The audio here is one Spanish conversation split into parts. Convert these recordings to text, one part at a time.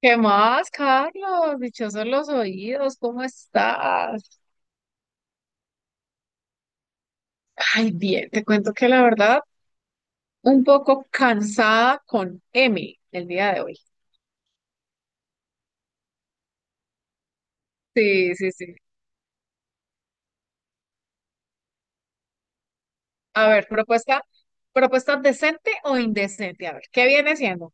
¿Qué más, Carlos? Dichosos los oídos, ¿cómo estás? Ay, bien, te cuento que la verdad, un poco cansada con M el día de hoy. Sí, sí, sí. A ver, propuesta, propuesta decente o indecente. A ver, ¿qué viene siendo?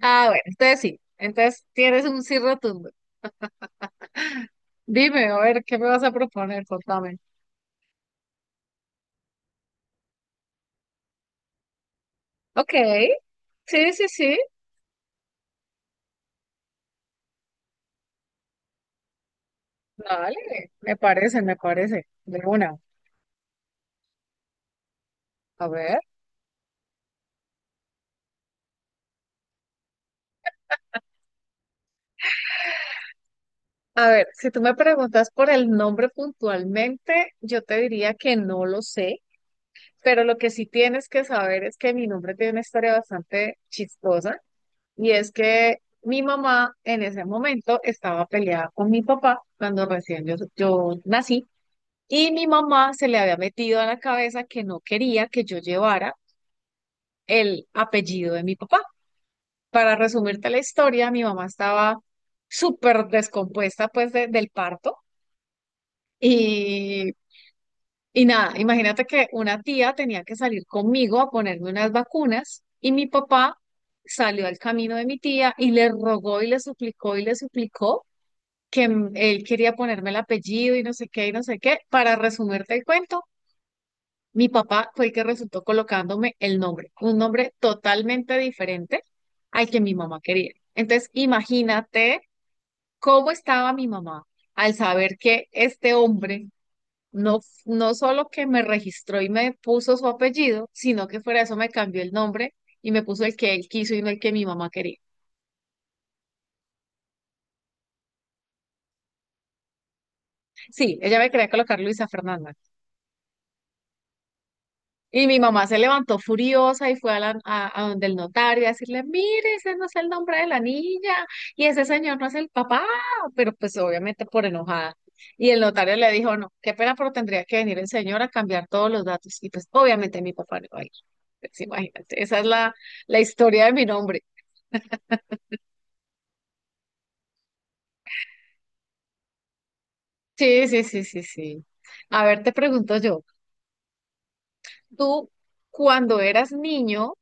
Ah, bueno, entonces sí, entonces tienes un sí rotundo. Dime, a ver, ¿qué me vas a proponer? Contame. Ok, sí, sí, sí. Dale, me parece, me parece. De una. A ver. A ver, si tú me preguntas por el nombre puntualmente, yo te diría que no lo sé, pero lo que sí tienes que saber es que mi nombre tiene una historia bastante chistosa y es que mi mamá en ese momento estaba peleada con mi papá cuando recién yo nací y mi mamá se le había metido a la cabeza que no quería que yo llevara el apellido de mi papá. Para resumirte la historia, mi mamá estaba súper descompuesta pues del parto. Y Y nada, imagínate que una tía tenía que salir conmigo a ponerme unas vacunas y mi papá salió al camino de mi tía y le rogó y le suplicó que él quería ponerme el apellido y no sé qué y no sé qué. Para resumirte el cuento, mi papá fue el que resultó colocándome el nombre, un nombre totalmente diferente al que mi mamá quería. Entonces, imagínate cómo estaba mi mamá al saber que este hombre no, no solo que me registró y me puso su apellido, sino que fuera de eso me cambió el nombre y me puso el que él quiso y no el que mi mamá quería. Sí, ella me quería colocar Luisa Fernanda. Y mi mamá se levantó furiosa y fue a donde el notario a decirle, mire, ese no es el nombre de la niña y ese señor no es el papá, pero pues obviamente por enojada. Y el notario le dijo, no, qué pena, pero tendría que venir el señor a cambiar todos los datos. Y pues obviamente mi papá no va a ir. Pues imagínate, esa es la historia de mi nombre. Sí, sí, sí, sí, sí. A ver, te pregunto yo, tú cuando eras niño,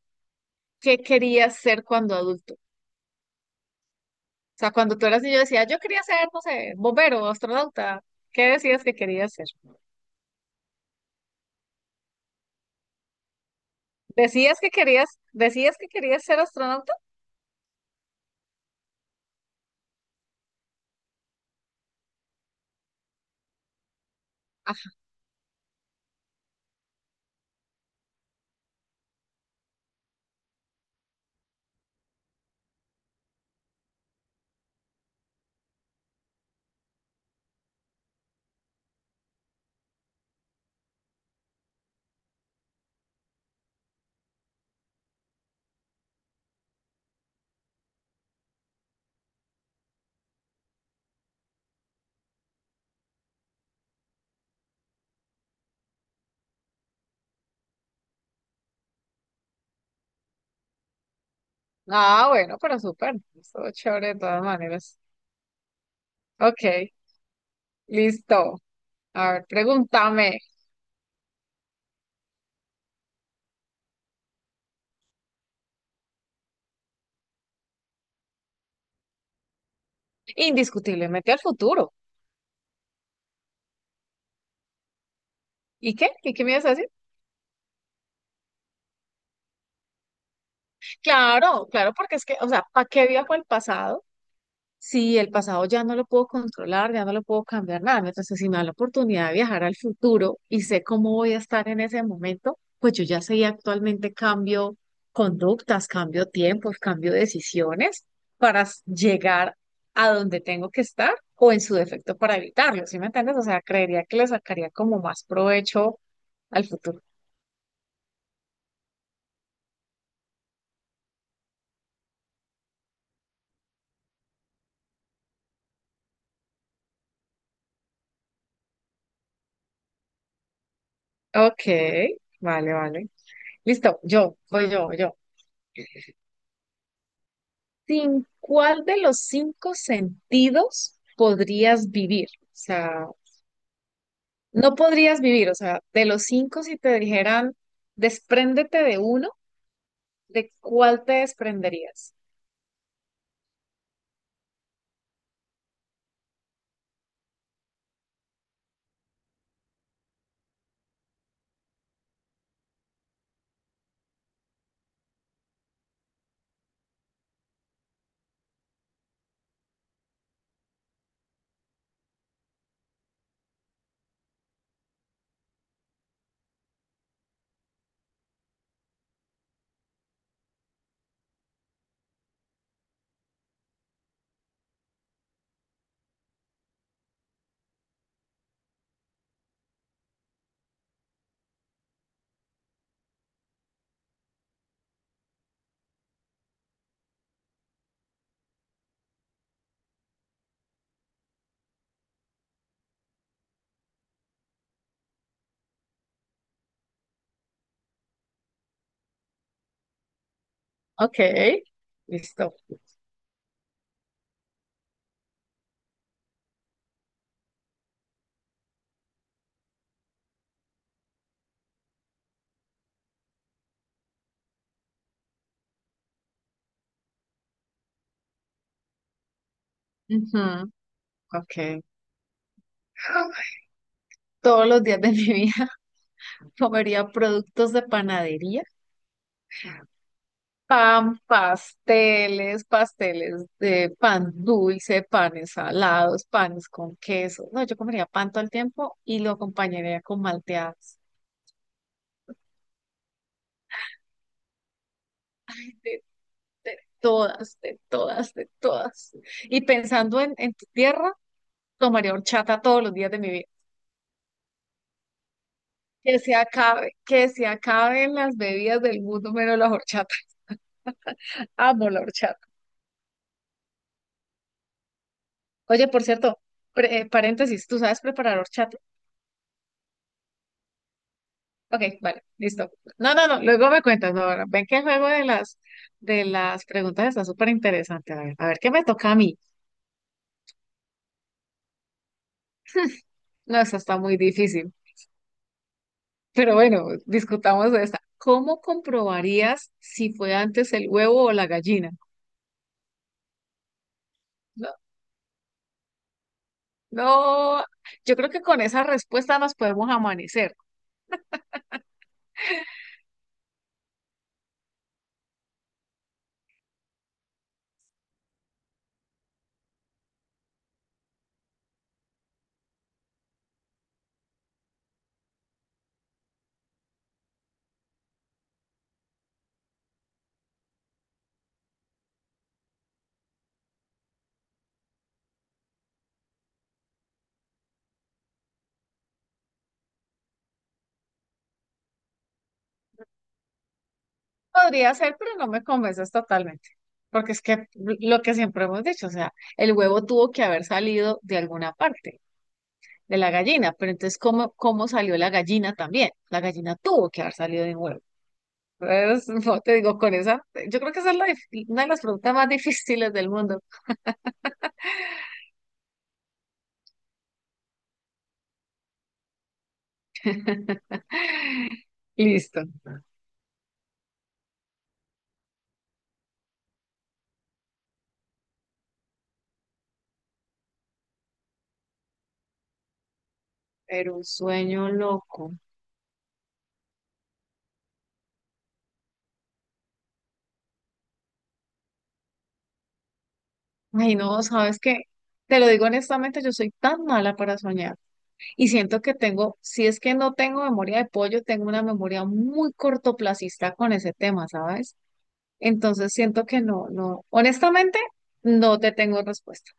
¿qué querías ser cuando adulto? O sea, cuando tú eras niño decías, yo quería ser, no sé, bombero, astronauta. ¿Qué decías que querías ser? ¿Decías que querías ser astronauta? Ajá. Ah, bueno, pero súper. Estuvo chévere de todas maneras. Ok, listo. A ver, pregúntame. Indiscutiblemente al futuro. ¿Y qué? ¿Y qué me ibas a decir? Claro, claro, porque es que, o sea, ¿para qué viajo al pasado? Sí, el pasado ya no lo puedo controlar, ya no lo puedo cambiar nada. Mientras que si me da la oportunidad de viajar al futuro y sé cómo voy a estar en ese momento, pues yo ya sé y actualmente cambio conductas, cambio tiempos, cambio decisiones para llegar a donde tengo que estar o en su defecto para evitarlo, ¿sí me entiendes? O sea, creería que le sacaría como más provecho al futuro. Ok, vale, vale. Listo, voy yo. ¿Sin cuál de los cinco sentidos podrías vivir? O sea, no podrías vivir, o sea, de los cinco si te dijeran, despréndete de uno, ¿de cuál te desprenderías? Ok, listo. Ujú, ok. Todos los días de mi vida comería productos de panadería. Pan, pasteles, pasteles de pan dulce, panes salados, panes con queso. No, yo comería pan todo el tiempo y lo acompañaría con malteadas. De, de todas, de todas, de todas. Y pensando en tu tierra, tomaría horchata todos los días de mi vida. Que se acabe, que se acaben las bebidas del mundo menos la horchata. Amo la horchata. Oye, por cierto, paréntesis, ¿tú sabes preparar horchata? Ok, vale, listo. No, no, no, luego me cuentas, no, ahora, ven que el juego de de las preguntas está súper interesante. A ver, ¿qué me toca a mí? No, esta está muy difícil, pero bueno, discutamos de esta. ¿Cómo comprobarías si fue antes el huevo o la gallina? No, no, yo creo que con esa respuesta nos podemos amanecer. Podría ser, pero no me convences totalmente, porque es que lo que siempre hemos dicho, o sea, el huevo tuvo que haber salido de alguna parte. De la gallina, pero entonces, ¿cómo, cómo salió la gallina también? La gallina tuvo que haber salido de un huevo. Entonces, no te digo, con esa, yo creo que esa es una de las preguntas más difíciles del mundo. Listo. Pero un sueño loco. Ay, no, ¿sabes qué? Te lo digo honestamente, yo soy tan mala para soñar y siento que tengo, si es que no tengo memoria de pollo, tengo una memoria muy cortoplacista con ese tema, ¿sabes? Entonces siento que no, no, honestamente, no te tengo respuesta.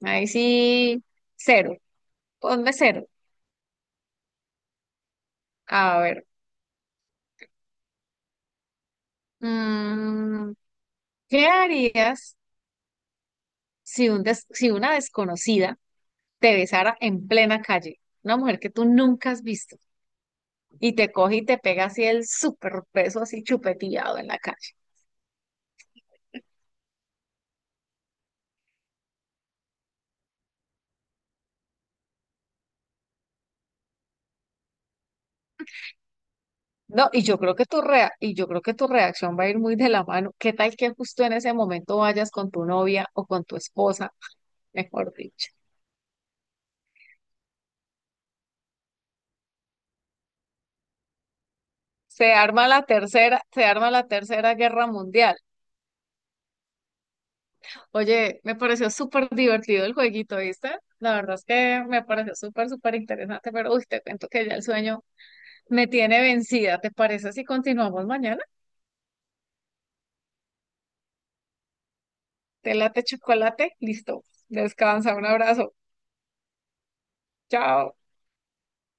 Ahí sí, cero. Ponme cero. A ver. mm, ¿Qué harías si una desconocida te besara en plena calle? Una mujer que tú nunca has visto y te coge y te pega así el súper beso así chupeteado en la calle. No, y yo creo que tu reacción va a ir muy de la mano. ¿Qué tal que justo en ese momento vayas con tu novia o con tu esposa, mejor dicho? Se arma la tercera, se arma la tercera guerra mundial. Oye, me pareció súper divertido el jueguito, ¿viste? La verdad es que me pareció súper, súper interesante, pero uy, te cuento que ya el sueño me tiene vencida. ¿Te parece si continuamos mañana? Te late chocolate, listo. Descansa, un abrazo. Chao.